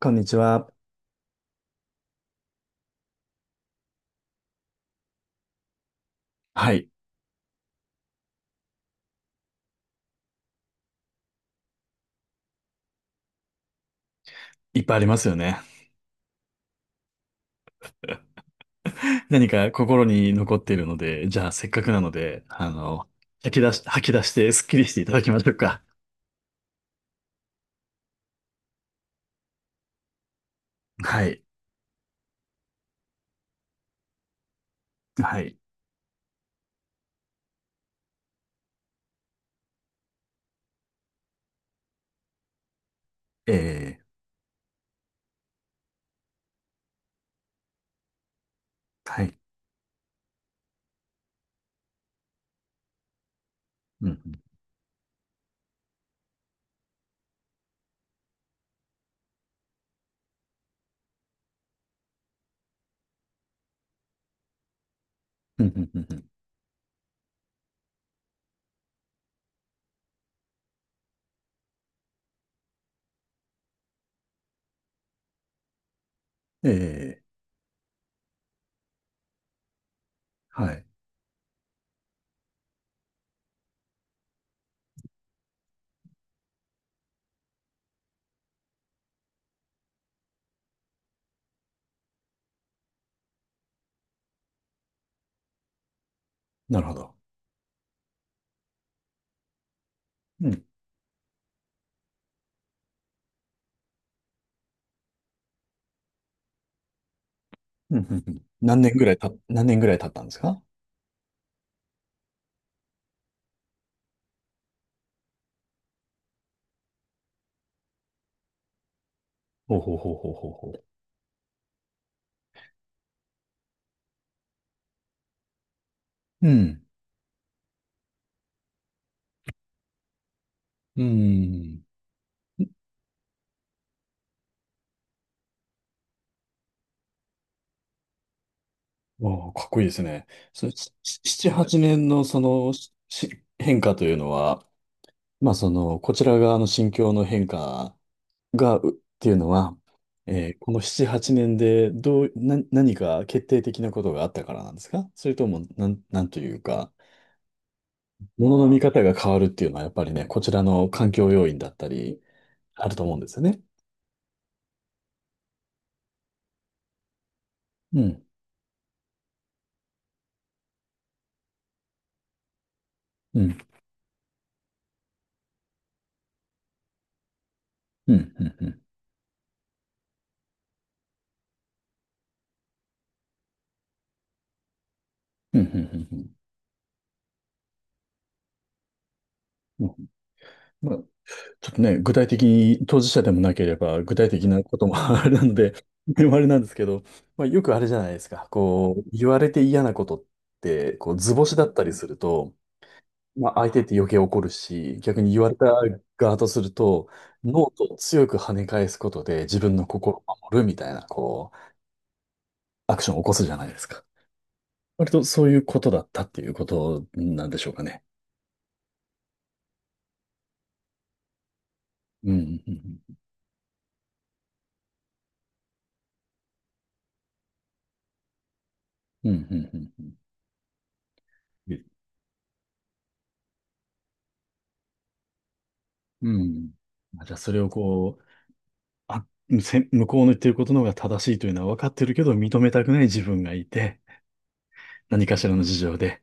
こんにちは。はい。いっぱいありますよね。何か心に残っているので、じゃあせっかくなので、吐き出してスッキリしていただきましょうか。はい。はい。えはい。うん、うん、うん、うん、えはい。なるほど。うん、うん、うん、うん。何年ぐらい経ったんですか？ほうほうほうほうほうほう。うん。うん。わあ、かっこいいですね。そ、しし七、八年のその変化というのは、まあ、その、こちら側の心境の変化が、っていうのは、この7、8年でどう、な、何か決定的なことがあったからなんですか？それとも、なんというか、ものの見方が変わるっていうのは、やっぱりね、こちらの環境要因だったり、あると思うんですよね。うん、うん、うん、うん、うん、うん、うん、うん。うんまあ、ちょっとね、具体的に当事者でもなければ、具体的なことも あれなので、あれなんですけど、まあ、よくあれじゃないですか。こう、言われて嫌なことって、こう、図星だったりすると、まあ、相手って余計怒るし、逆に言われた側とすると、ノートを強く跳ね返すことで自分の心を守るみたいな、こう、アクションを起こすじゃないですか。割とそういうことだったっていうことなんでしょうかね。うん、うん、うん、うん、うん、うん。うん。まあじゃあ、それをこう、あ、向こうの言ってることの方が正しいというのは分かってるけど、認めたくない自分がいて、何かしらの事情で、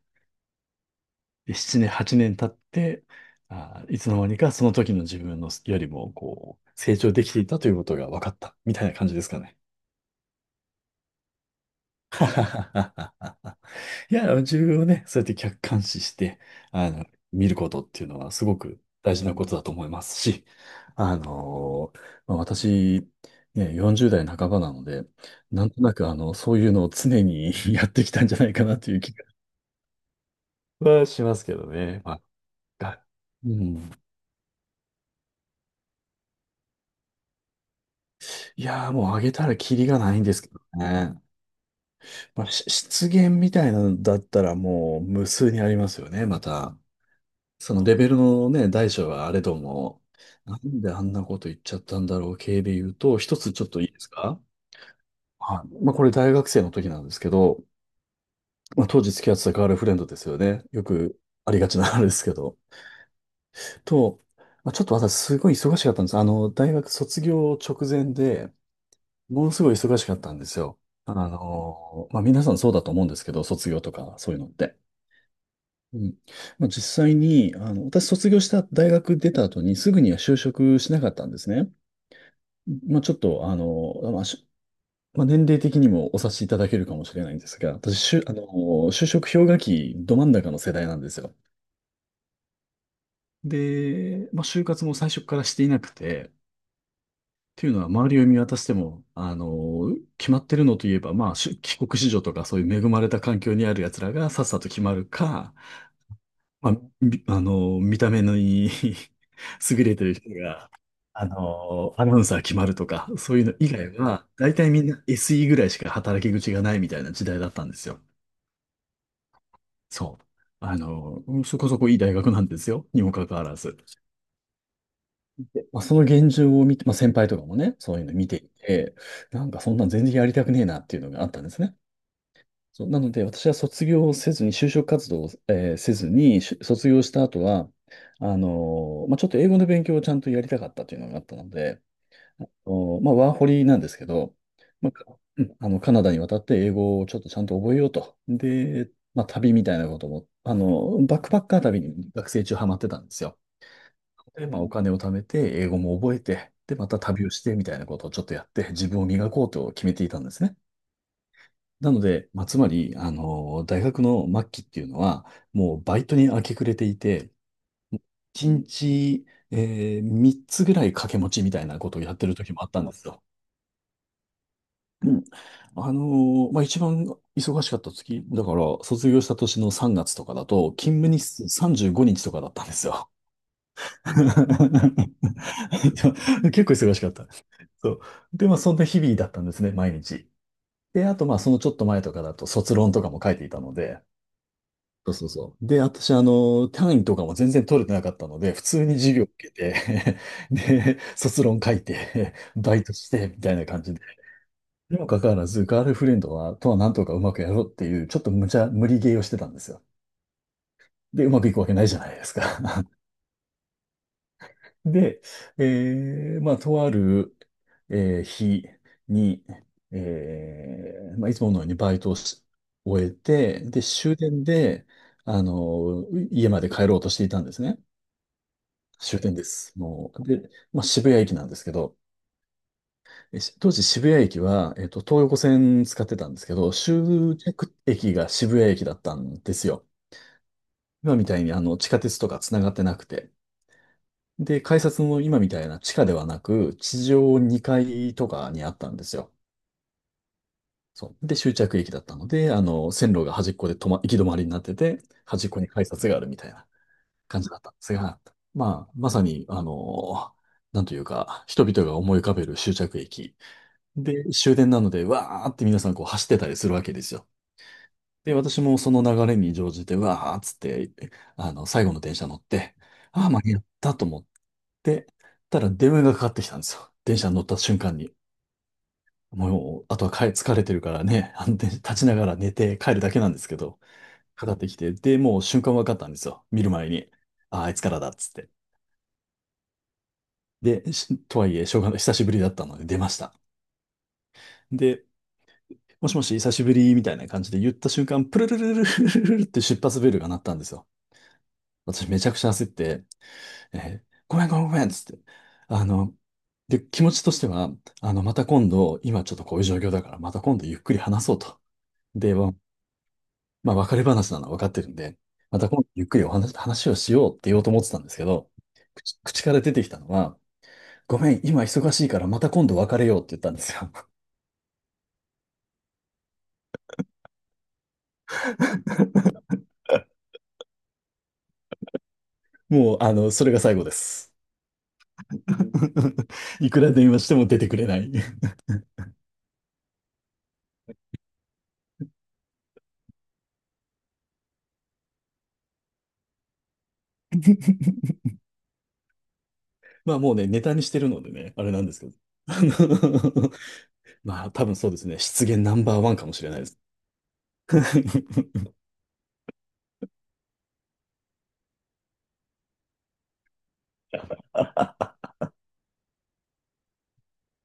で7年、8年経って、あ、いつの間にかその時の自分のよりも、こう、成長できていたということが分かった、みたいな感じですかね。いや、自分をね、そうやって客観視して、あの、見ることっていうのはすごく大事なことだと思いますし、あのまあ私、ね、40代半ばなので、なんとなく、そういうのを常に やってきたんじゃないかなという気がはしますけどね。まあ、がうん。いやー、もうあげたらキリがないんですけどね。まあ、失言みたいなのだったらもう無数にありますよね、また。そのレベルのね、大小はあれども、なんであんなこと言っちゃったんだろう系で言うと、一つちょっといいですか？はい。まあこれ大学生の時なんですけど、まあ当時付き合ってたガールフレンドですよね。よくありがちなあれですけど。と、まあ、ちょっと私すごい忙しかったんです。あの、大学卒業直前で、ものすごい忙しかったんですよ。あの、まあ皆さんそうだと思うんですけど、卒業とかそういうのって。うん、まあ実際に、あの、私卒業した大学出た後にすぐには就職しなかったんですね。まあちょっと、あの、まあ、まあ年齢的にもお察しいただけるかもしれないんですが、私、あの、就職氷河期ど真ん中の世代なんですよ。で、まあ就活も最初からしていなくて、というのは周りを見渡しても、あの、決まってるのといえば、まあ、帰国子女とかそういう恵まれた環境にある奴らがさっさと決まるか、まあ、あの、見た目のいい 優れてる人が、あの、アナウンサー決まるとか、そういうの以外は、大体みんな SE ぐらいしか働き口がないみたいな時代だったんですよ。そう。あの、そこそこいい大学なんですよ、にもかかわらず。でまあ、その現状を見て、まあ、先輩とかもね、そういうの見ていて、なんかそんなん全然やりたくねえなっていうのがあったんですね。そう、なので、私は卒業をせずに、就職活動を、せずに、卒業した後は、まあ、ちょっと英語の勉強をちゃんとやりたかったというのがあったので、まあ、ワーホリなんですけど、まあ、かうんあの、カナダに渡って英語をちょっとちゃんと覚えようと。で、まあ、旅みたいなことも、あの、バックパッカー旅に学生中ハマってたんですよ。で、まあ、お金を貯めて、英語も覚えて、で、また旅をしてみたいなことをちょっとやって、自分を磨こうと決めていたんですね。なので、まあ、つまり、あの、大学の末期っていうのは、もうバイトに明け暮れていて、1日、3つぐらい掛け持ちみたいなことをやってる時もあったんですよ。うん。あの、まあ、一番忙しかった月、だから、卒業した年の3月とかだと、勤務日数35日とかだったんですよ。結構忙しかった。そう。で、まあ、そんな日々だったんですね、毎日。で、あと、まあ、そのちょっと前とかだと、卒論とかも書いていたので、そうそうそう。で、私、あの、単位とかも全然取れてなかったので、普通に授業受けて で、卒論書いて バイトして、みたいな感じで。にもかかわらず、ガールフレンドは、とはなんとかうまくやろうっていう、ちょっと無理ゲーをしてたんですよ。で、うまくいくわけないじゃないですか。で、まあ、とある、日に、まあ、いつものようにバイトをし終えて、で、終電で、あの、家まで帰ろうとしていたんですね。終点です。もう、で、まあ、渋谷駅なんですけど、当時渋谷駅は、東横線使ってたんですけど、終着駅が渋谷駅だったんですよ。今みたいに地下鉄とか繋がってなくて。で、改札も今みたいな地下ではなく、地上2階とかにあったんですよ。そう。で、終着駅だったので、あの、線路が端っこで行き止まりになってて、端っこに改札があるみたいな感じだったんですが、まあ、まさに、あの、なんというか、人々が思い浮かべる終着駅で、終電なので、わーって皆さんこう走ってたりするわけですよ。で、私もその流れに乗じて、わーっつって、あの、最後の電車乗って、ああ、間に合ったと思ってたら電話がかかってきたんですよ。電車に乗った瞬間に。もう、あとは疲れてるからね、あの、電車立ちながら寝て帰るだけなんですけど、かかってきて、で、もう瞬間分かったんですよ。見る前に。ああ、あいつからだっつって。で、とはいえ、しょうがない。久しぶりだったので出ました。で、もしもし、久しぶりみたいな感じで言った瞬間、プルルルルルルルルって出発ベルが鳴ったんですよ。私めちゃくちゃ焦って、えごめんごめんごめんっつって。あの、で、気持ちとしては、あの、また今度、今ちょっとこういう状況だから、また今度ゆっくり話そうと。で、まあ、別れ話なのは分かってるんで、また今度ゆっくり話をしようって言おうと思ってたんですけど、口から出てきたのは、ごめん、今忙しいからまた今度別れようって言ったんですよ。もう、あの、それが最後です。いくら電話しても出てくれない まあもうね、ネタにしてるのでね、あれなんですけど。まあ多分そうですね、失言ナンバーワンかもしれないです。